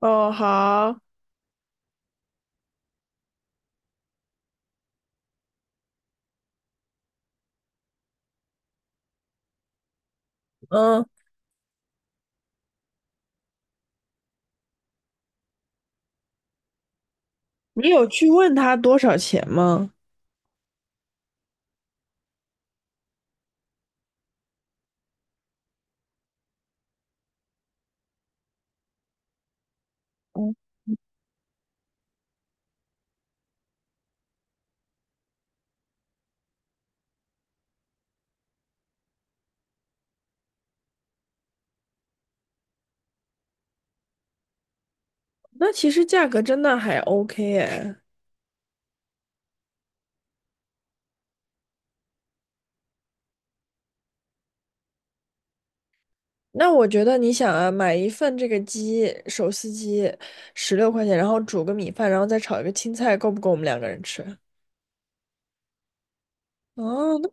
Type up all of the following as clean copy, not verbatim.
哦，好，嗯你有去问他多少钱吗？嗯，那其实价格真的还 OK 哎。那我觉得你想啊，买一份这个鸡手撕鸡，16块钱，然后煮个米饭，然后再炒一个青菜，够不够我们两个人吃？哦，那看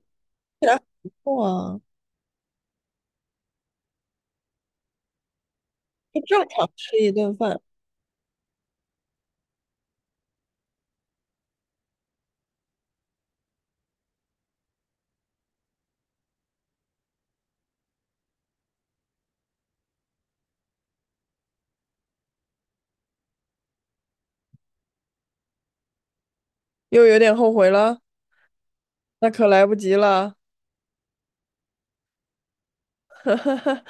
起来很不错啊，就正常吃一顿饭。又有点后悔了，那可来不及了。哈哈，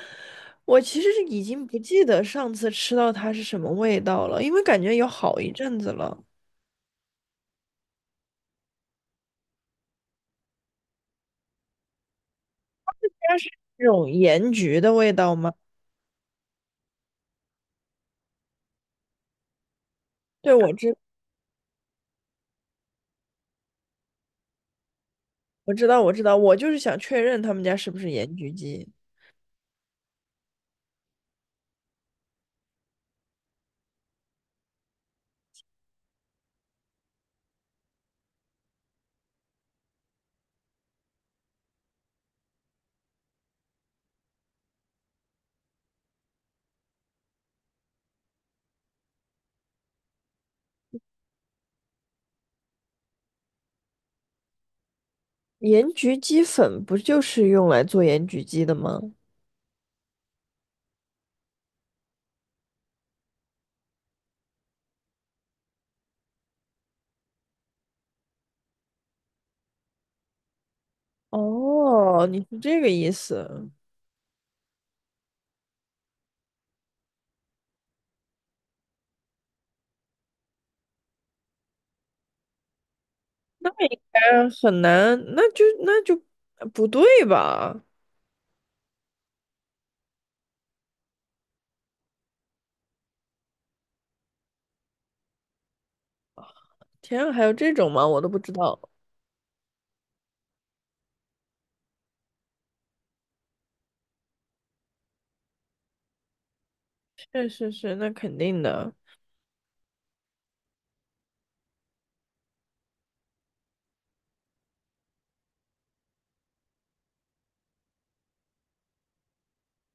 我其实是已经不记得上次吃到它是什么味道了，因为感觉有好一阵子了。它是那种盐焗的味道吗？对，我知道，我就是想确认他们家是不是盐焗鸡。盐焗鸡粉不就是用来做盐焗鸡的吗？哦，你是这个意思。那应该很难，那就不对吧？天啊，还有这种吗？我都不知道。确实是，那肯定的。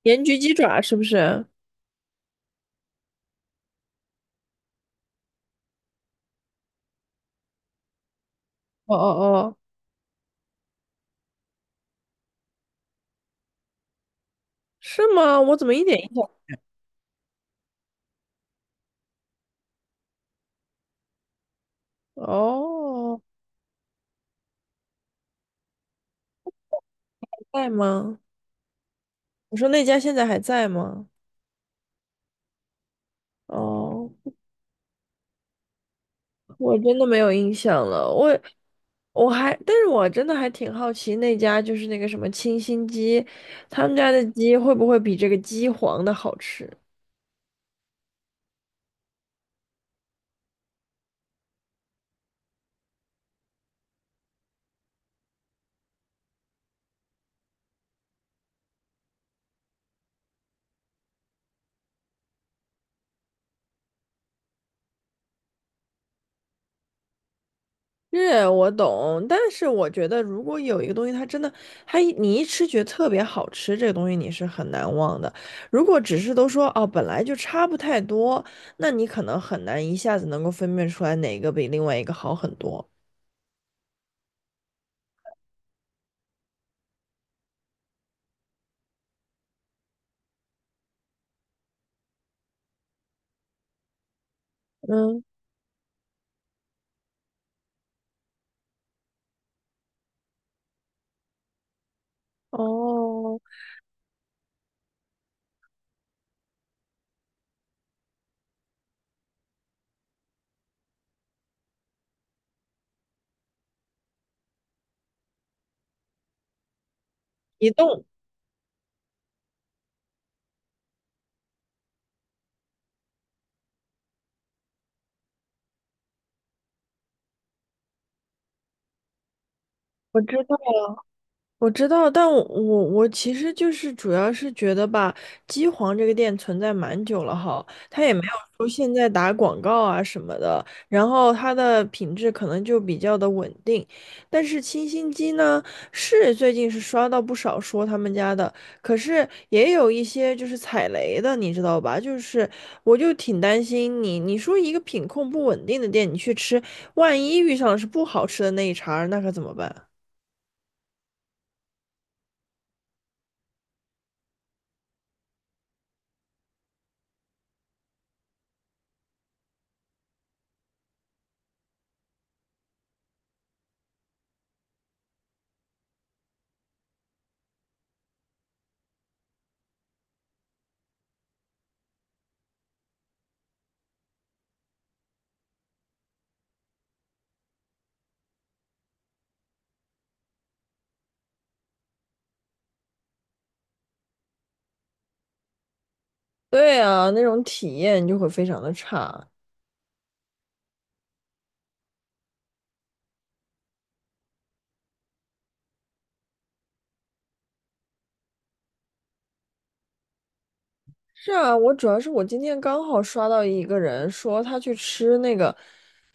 盐焗鸡爪是不是？哦哦哦，是吗？我怎么一点印象？哦，在吗？我说那家现在还在吗？哦，我真的没有印象了。我还，但是我真的还挺好奇那家就是那个什么清新鸡，他们家的鸡会不会比这个鸡皇的好吃？是我懂，但是我觉得如果有一个东西它真的，你一吃觉得特别好吃，这个东西你是很难忘的。如果只是都说哦本来就差不太多，那你可能很难一下子能够分辨出来哪个比另外一个好很多。嗯，哦，移动，我知道。我知道，但我其实就是主要是觉得吧，机皇这个店存在蛮久了哈，它也没有说现在打广告啊什么的，然后它的品质可能就比较的稳定。但是清新鸡呢，是最近是刷到不少说他们家的，可是也有一些就是踩雷的，你知道吧？就是我就挺担心你，你说一个品控不稳定的店，你去吃，万一遇上的是不好吃的那一茬儿，那可怎么办？对啊，那种体验就会非常的差。是啊，我主要是我今天刚好刷到一个人说他去吃那个，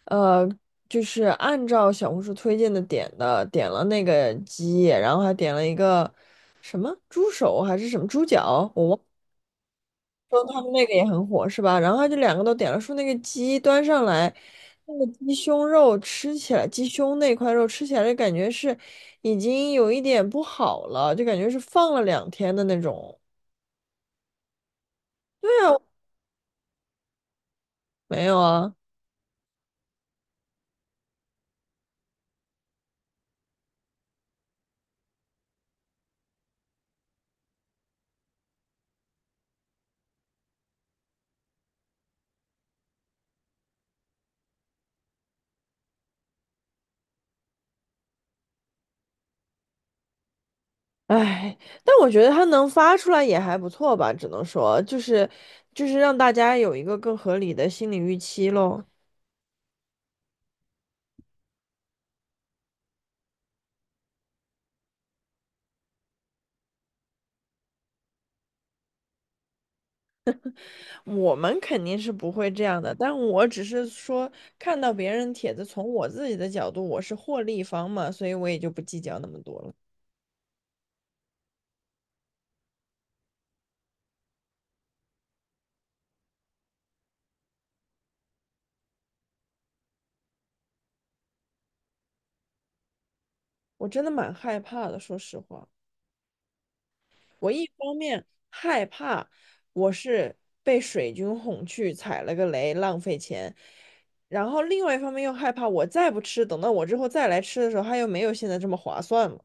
呃，就是按照小红书推荐的点的，点了那个鸡，然后还点了一个什么猪手还是什么猪脚，我忘。说他们那个也很火是吧？然后他就两个都点了，说那个鸡端上来，那个鸡胸肉吃起来，鸡胸那块肉吃起来就感觉是已经有一点不好了，就感觉是放了2天的那种。对啊，没有啊。唉，但我觉得他能发出来也还不错吧，只能说就是让大家有一个更合理的心理预期喽。我们肯定是不会这样的，但我只是说看到别人帖子，从我自己的角度，我是获利方嘛，所以我也就不计较那么多了。我真的蛮害怕的，说实话，我一方面害怕我是被水军哄去踩了个雷，浪费钱，然后另外一方面又害怕我再不吃，等到我之后再来吃的时候，它又没有现在这么划算嘛。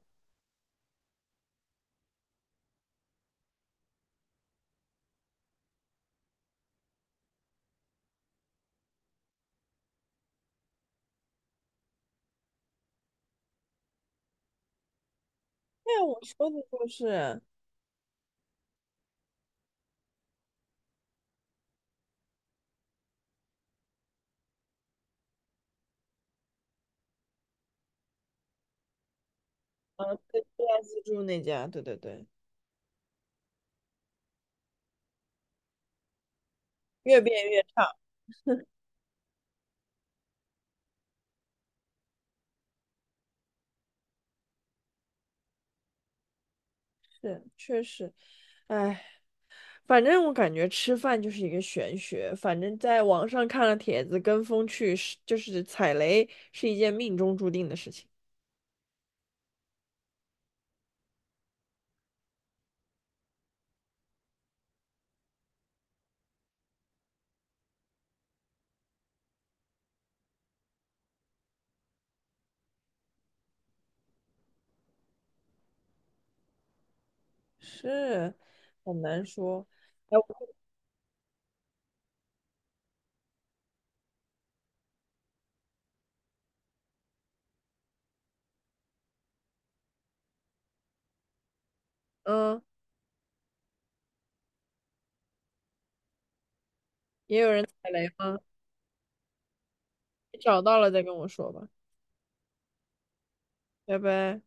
对啊，我说的就是。嗯，对，自助那家，对对对，越变越差，是确实。哎，反正我感觉吃饭就是一个玄学。反正在网上看了帖子，跟风去就是踩雷是一件命中注定的事情，是很难说。哎，嗯，也有人踩雷吗？你找到了再跟我说吧，拜拜。